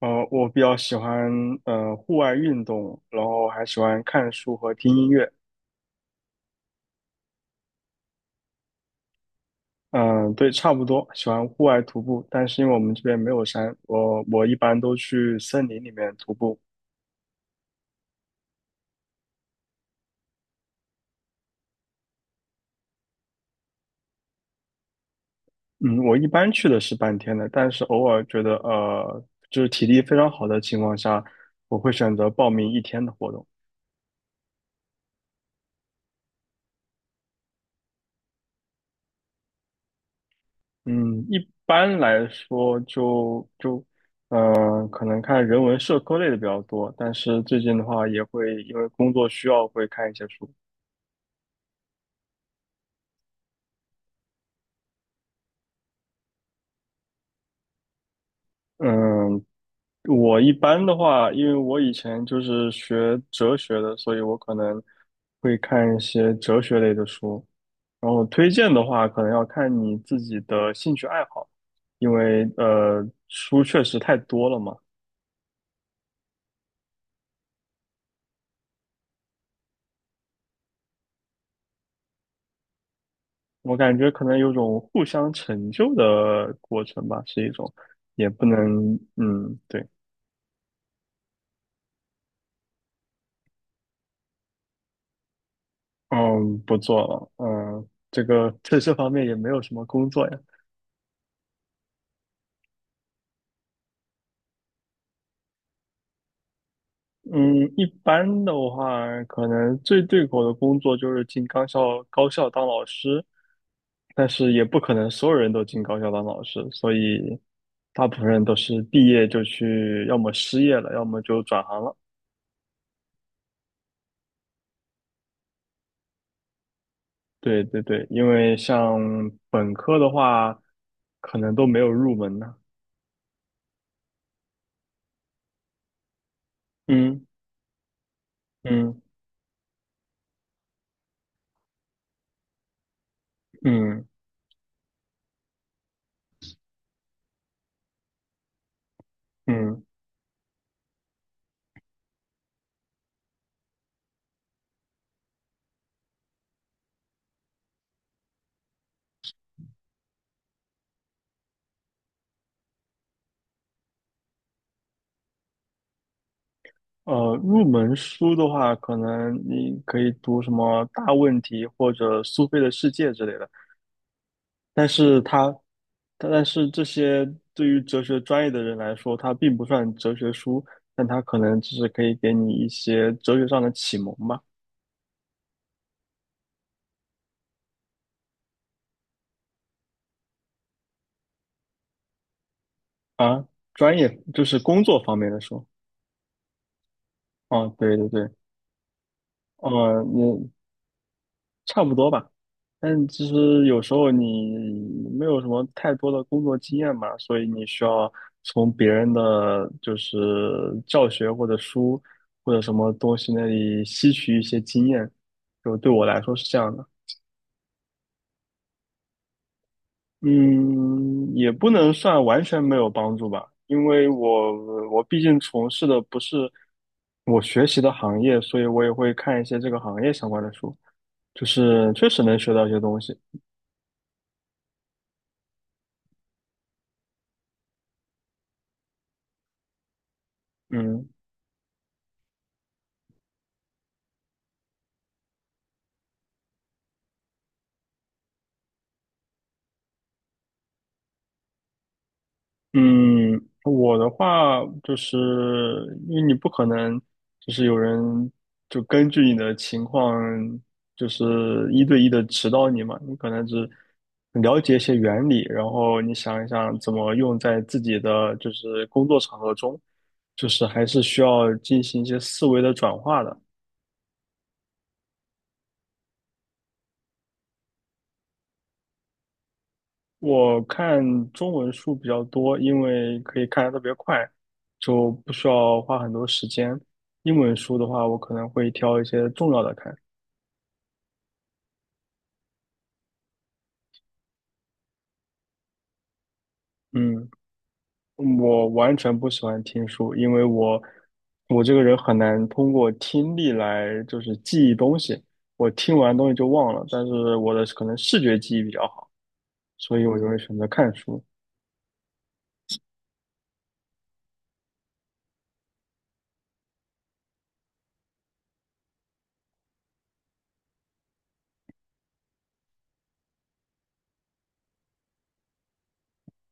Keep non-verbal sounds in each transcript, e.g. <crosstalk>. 我比较喜欢户外运动，然后还喜欢看书和听音乐。嗯，对，差不多，喜欢户外徒步，但是因为我们这边没有山，我一般都去森林里面徒步。嗯，我一般去的是半天的，但是偶尔觉得就是体力非常好的情况下，我会选择报名一天的活动。嗯，一般来说嗯，可能看人文社科类的比较多，但是最近的话也会因为工作需要会看一些书。嗯，我一般的话，因为我以前就是学哲学的，所以我可能会看一些哲学类的书。然后推荐的话，可能要看你自己的兴趣爱好，因为书确实太多了嘛。我感觉可能有种互相成就的过程吧，是一种，也不能，嗯，对。嗯，不做了，嗯，这个在这方面也没有什么工作呀。嗯，一般的话，可能最对口的工作就是进高校当老师，但是也不可能所有人都进高校当老师，所以大部分人都是毕业就去，要么失业了，要么就转行了。对对对，因为像本科的话，可能都没有入门呢。嗯嗯嗯嗯。入门书的话，可能你可以读什么《大问题》或者《苏菲的世界》之类的，但是它，但是这些对于哲学专业的人来说，它并不算哲学书，但它可能只是可以给你一些哲学上的启蒙吧。啊，专业就是工作方面的书。哦，对对对。哦，差不多吧。但其实有时候你没有什么太多的工作经验嘛，所以你需要从别人的就是教学或者书或者什么东西那里吸取一些经验。就对我来说是这样的。嗯，也不能算完全没有帮助吧，因为我毕竟从事的不是我学习的行业，所以我也会看一些这个行业相关的书，就是确实能学到一些东西。嗯。嗯，我的话就是因为你不可能，就是有人就根据你的情况，就是一对一的指导你嘛，你可能只了解一些原理，然后你想一想怎么用在自己的就是工作场合中，就是还是需要进行一些思维的转化的。我看中文书比较多，因为可以看的特别快，就不需要花很多时间。英文书的话，我可能会挑一些重要的看。嗯，嗯我完全不喜欢听书，因为我这个人很难通过听力来就是记忆东西。我听完东西就忘了，但是我的可能视觉记忆比较好，所以我就会选择看书。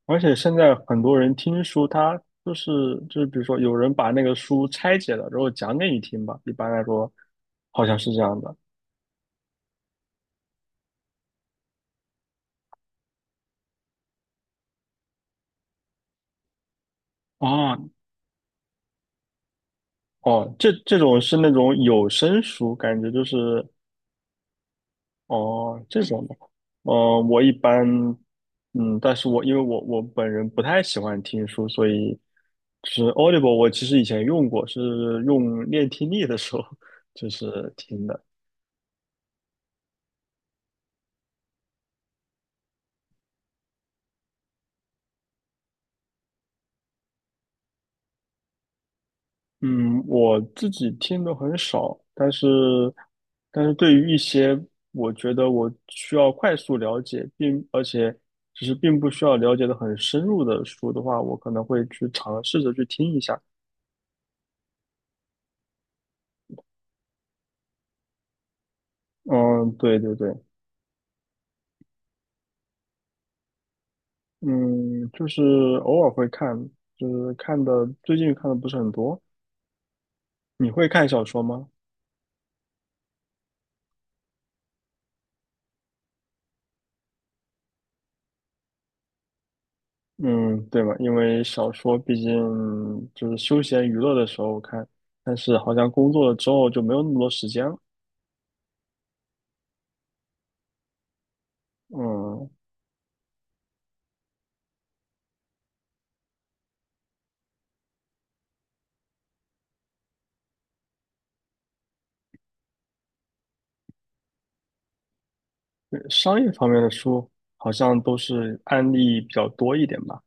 而且现在很多人听书，他就是就是，比如说有人把那个书拆解了，然后讲给你听吧。一般来说，好像是这样的。哦哦，这种是那种有声书，感觉就是哦这种的。哦，我一般嗯，但是我因为我本人不太喜欢听书，所以就是 Audible，我其实以前用过，是用练听力的时候 <laughs> 就是听的。嗯，我自己听的很少，但是对于一些我觉得我需要快速了解，并而且只是并不需要了解的很深入的书的话，我可能会去尝试着去听一下。嗯，对对对。嗯，就是偶尔会看，就是最近看的不是很多。你会看小说吗？嗯，对吧？因为小说毕竟就是休闲娱乐的时候看，但是好像工作了之后就没有那么多时间了。嗯，商业方面的书好像都是案例比较多一点吧。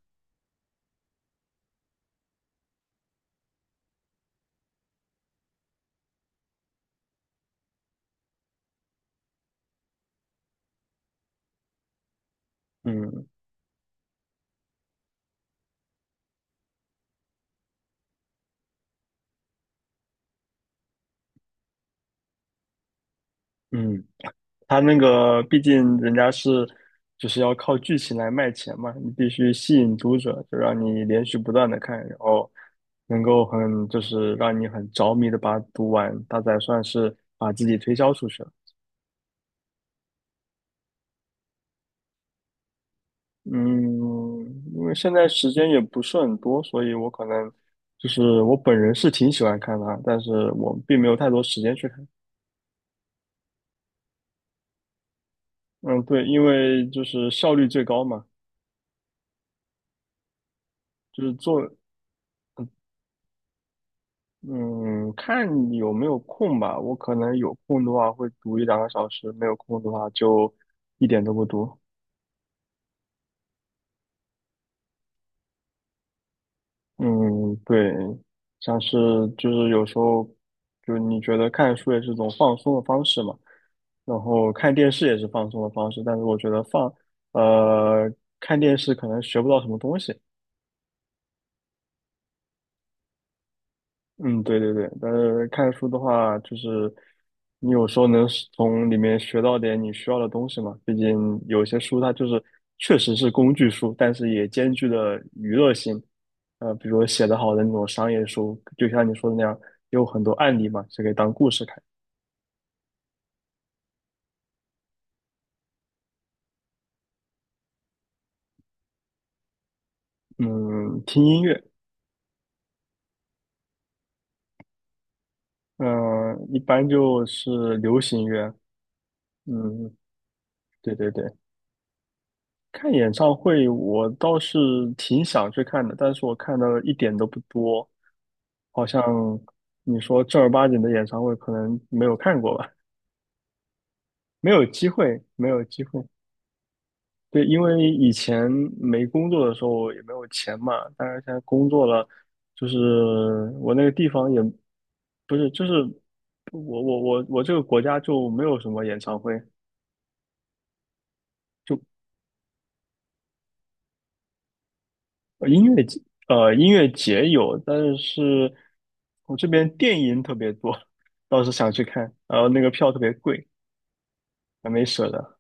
嗯嗯，他那个毕竟人家是就是要靠剧情来卖钱嘛，你必须吸引读者，就让你连续不断的看，然后能够很就是让你很着迷的把它读完，它才算是把自己推销出去了。嗯，因为现在时间也不是很多，所以我可能就是我本人是挺喜欢看它，但是我并没有太多时间去看。嗯，对，因为就是效率最高嘛。就是做，嗯，看你有没有空吧。我可能有空的话会读一两个小时，没有空的话就一点都不读。嗯，对，像是就是有时候，就是你觉得看书也是一种放松的方式嘛，然后看电视也是放松的方式，但是我觉得呃，看电视可能学不到什么东西。嗯，对对对，但是看书的话，就是你有时候能是从里面学到点你需要的东西嘛。毕竟有些书它就是确实是工具书，但是也兼具了娱乐性。比如说写得好的那种商业书，就像你说的那样，有很多案例嘛，是可以当故事看。嗯，听音乐。嗯、一般就是流行乐。嗯，对对对。看演唱会，我倒是挺想去看的，但是我看的一点都不多。好像你说正儿八经的演唱会可能没有看过吧，没有机会，没有机会。对，因为以前没工作的时候也没有钱嘛，但是现在工作了，就是我那个地方也不是，就是我这个国家就没有什么演唱会。就呃音乐节音乐节有，但是我这边电音特别多，<laughs> 倒是想去看，然后那个票特别贵，还没舍得。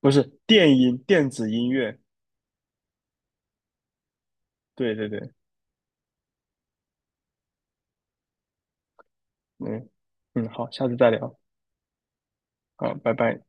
不是电音，电子音乐。对对对，嗯嗯，好，下次再聊，好，拜拜。